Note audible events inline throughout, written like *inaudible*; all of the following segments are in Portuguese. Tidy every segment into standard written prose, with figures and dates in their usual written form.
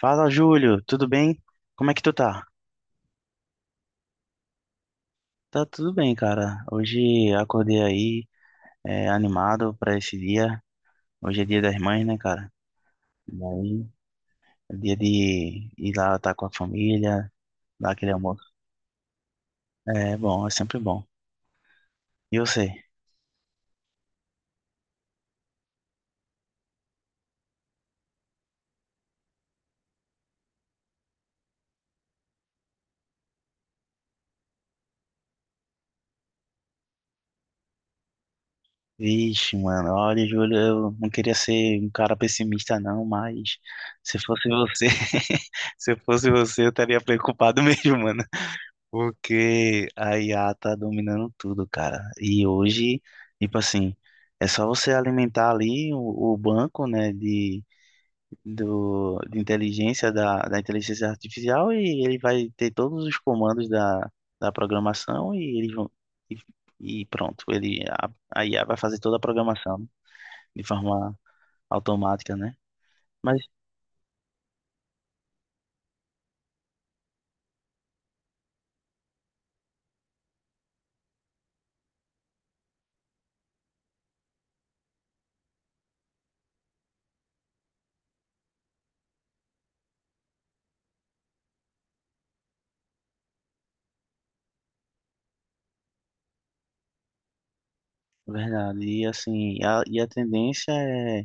Fala, Júlio, tudo bem? Como é que tu tá? Tá tudo bem, cara. Hoje acordei aí, animado pra esse dia. Hoje é dia das mães, né, cara? E aí, é dia de ir lá estar com a família, dar aquele almoço. É bom, é sempre bom. E você? Vixe, mano, olha, Júlio, eu não queria ser um cara pessimista, não, mas se fosse você, *laughs* se fosse você, eu estaria preocupado *laughs* mesmo, mano. Porque a IA tá dominando tudo, cara. E hoje, tipo assim, é só você alimentar ali o banco, né, de inteligência da inteligência artificial, e ele vai ter todos os comandos da, da programação e eles vão e, e pronto, a IA vai fazer toda a programação de forma automática, né? Mas, Verdade, e assim, e a tendência é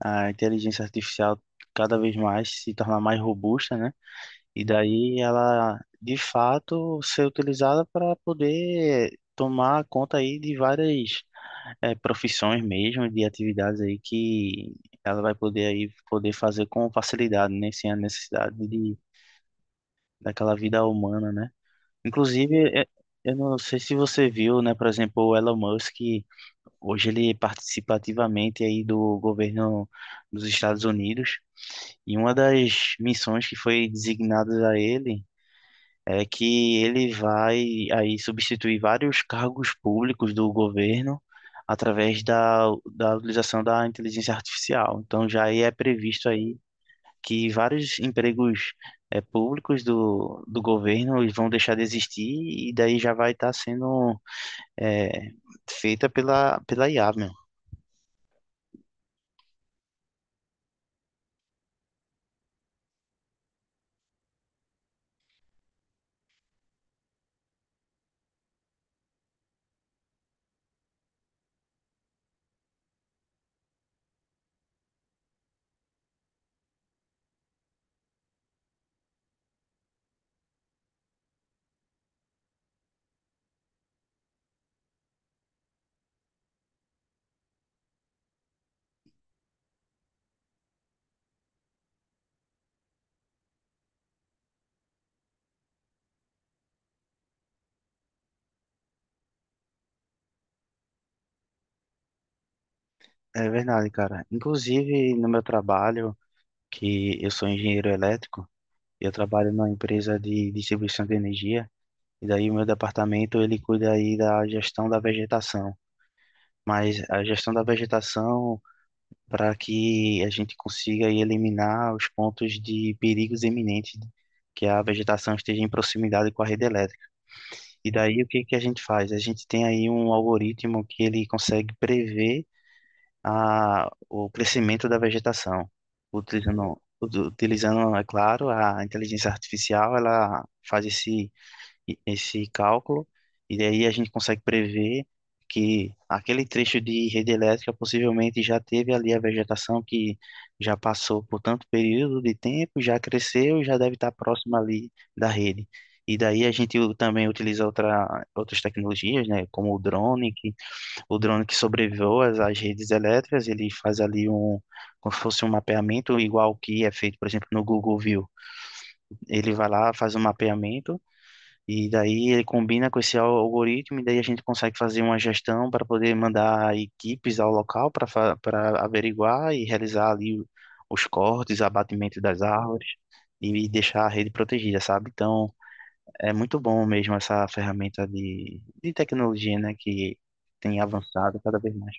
a inteligência artificial cada vez mais se tornar mais robusta, né? E daí ela, de fato, ser utilizada para poder tomar conta aí de várias profissões mesmo, de atividades aí que ela vai poder aí poder fazer com facilidade, né? Sem a necessidade de daquela vida humana, né? Inclusive, eu não sei se você viu, né? Por exemplo, o Elon Musk hoje ele participa ativamente aí do governo dos Estados Unidos, e uma das missões que foi designada a ele é que ele vai aí substituir vários cargos públicos do governo através da utilização da inteligência artificial. Então já aí é previsto aí que vários empregos públicos do governo eles vão deixar de existir, e daí já vai estar sendo eh, feita pela IA, meu. É verdade, cara. Inclusive no meu trabalho, que eu sou engenheiro elétrico, eu trabalho numa empresa de distribuição de energia, e daí o meu departamento ele cuida aí da gestão da vegetação. Mas a gestão da vegetação para que a gente consiga aí eliminar os pontos de perigos iminentes que a vegetação esteja em proximidade com a rede elétrica. E daí o que que a gente faz? A gente tem aí um algoritmo que ele consegue prever o crescimento da vegetação, utilizando, é claro, a inteligência artificial, ela faz esse cálculo, e daí a gente consegue prever que aquele trecho de rede elétrica possivelmente já teve ali a vegetação que já passou por tanto período de tempo, já cresceu e já deve estar próximo ali da rede. E daí a gente também utiliza outras tecnologias, né, como o drone que sobrevoa as redes elétricas, ele faz ali um, como se fosse um mapeamento igual que é feito, por exemplo, no Google View. Ele vai lá, faz um mapeamento e daí ele combina com algoritmo, e daí a gente consegue fazer uma gestão para poder mandar equipes ao local para para averiguar e realizar ali os cortes, abatimento das árvores, e deixar a rede protegida, sabe? Então é muito bom mesmo essa ferramenta de tecnologia, né, que tem avançado cada vez mais.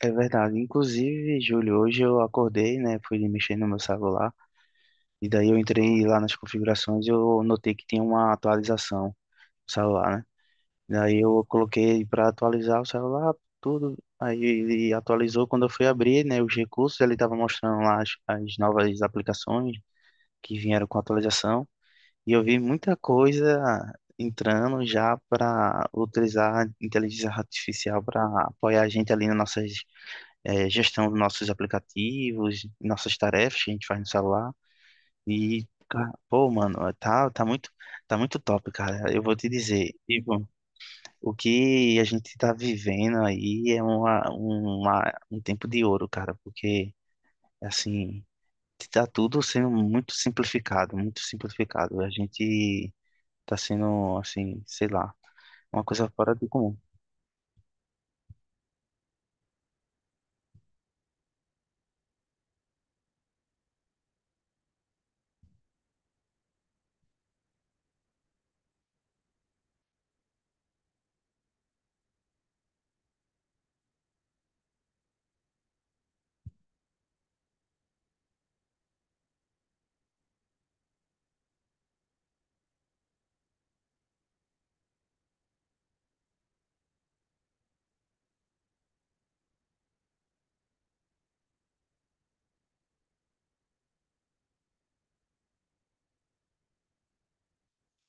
É verdade. Inclusive, Júlio, hoje eu acordei, né, fui mexer no meu celular, e daí eu entrei lá nas configurações e eu notei que tinha uma atualização no celular, né? Daí eu coloquei para atualizar o celular, tudo. Aí ele atualizou. Quando eu fui abrir, né, os recursos, ele estava mostrando lá as novas aplicações que vieram com a atualização. E eu vi muita coisa entrando já para utilizar a inteligência artificial para apoiar a gente ali na nossa gestão dos nossos aplicativos, nossas tarefas que a gente faz no celular. E, pô, mano, tá muito top, cara. Eu vou te dizer. Tipo, o que a gente tá vivendo aí é um tempo de ouro, cara, porque, assim, tá tudo sendo muito simplificado, muito simplificado. A gente tá sendo, assim, sei lá, uma coisa fora do comum.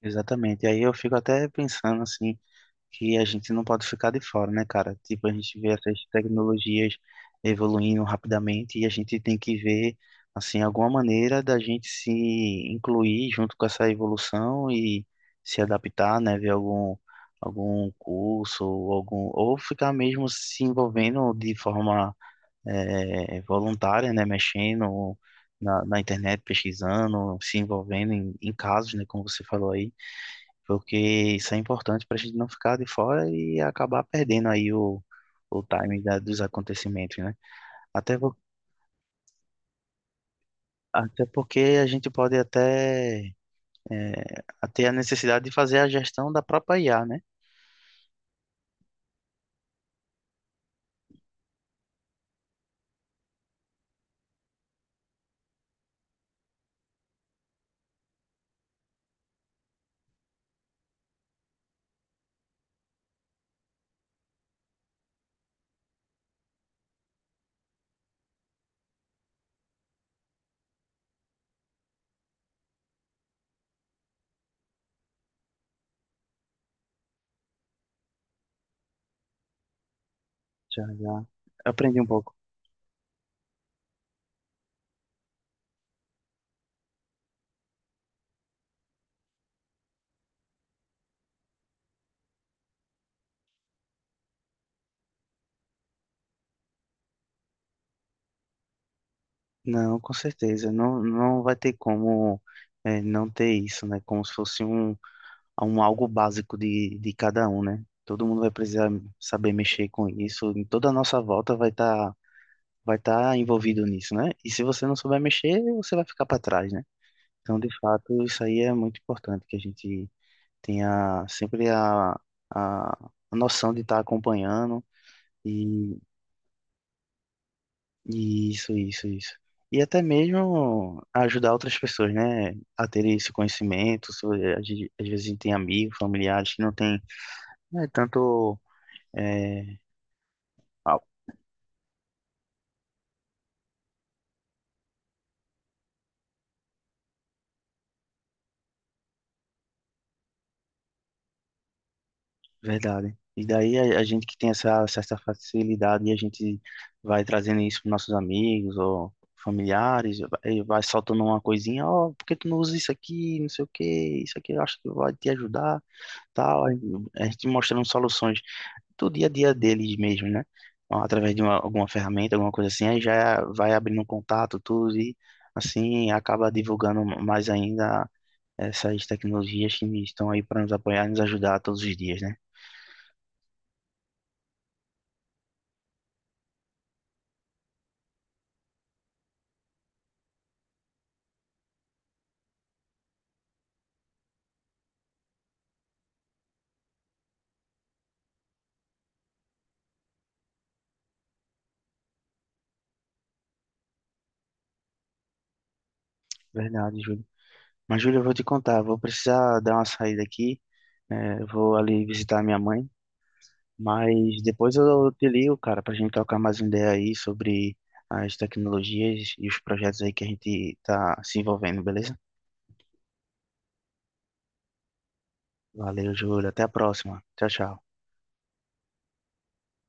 Exatamente. E aí eu fico até pensando, assim, que a gente não pode ficar de fora, né, cara? Tipo, a gente vê essas tecnologias evoluindo rapidamente e a gente tem que ver, assim, alguma maneira da gente se incluir junto com essa evolução e se adaptar, né? Ver algum, algum curso, ou algum, ou ficar mesmo se envolvendo de forma voluntária, né? Mexendo na internet, pesquisando, se envolvendo em casos, né? Como você falou aí, porque isso é importante para a gente não ficar de fora e acabar perdendo aí o time dos acontecimentos, né? Até, por- Até porque a gente pode até é, ter a necessidade de fazer a gestão da própria IA, né? Já, já. Aprendi um pouco. Não, com certeza. Não, não vai ter como não ter isso, né? Como se fosse um, um algo básico de cada um, né? Todo mundo vai precisar saber mexer com isso. Em toda a nossa volta vai estar, vai estar envolvido nisso, né? E se você não souber mexer, você vai ficar para trás, né? Então, de fato, isso aí é muito importante que a gente tenha sempre a, a noção de estar acompanhando e, e isso, isso. E até mesmo ajudar outras pessoas, né, a terem esse conhecimento. Às vezes a gente tem amigos, familiares que não têm, né, tanto é, verdade. E daí a gente que tem essa certa facilidade, a gente vai trazendo isso para nossos amigos ou familiares, e vai soltando uma coisinha, ó, por que tu não usa isso aqui, não sei o que, isso aqui eu acho que vai te ajudar, tal. Aí a gente mostrando soluções do dia a dia deles mesmo, né? Ó, através de uma, alguma ferramenta, alguma coisa assim, aí já vai abrindo um contato, tudo, e assim acaba divulgando mais ainda essas tecnologias que estão aí para nos apoiar e nos ajudar todos os dias, né? Verdade, Júlio. Mas, Júlia, eu vou te contar, vou precisar dar uma saída aqui, né? Eu vou ali visitar minha mãe, mas depois eu te ligo, cara, pra gente trocar mais uma ideia aí sobre as tecnologias e os projetos aí que a gente tá se envolvendo, beleza? Valeu, Júlia, até a próxima. Tchau, tchau.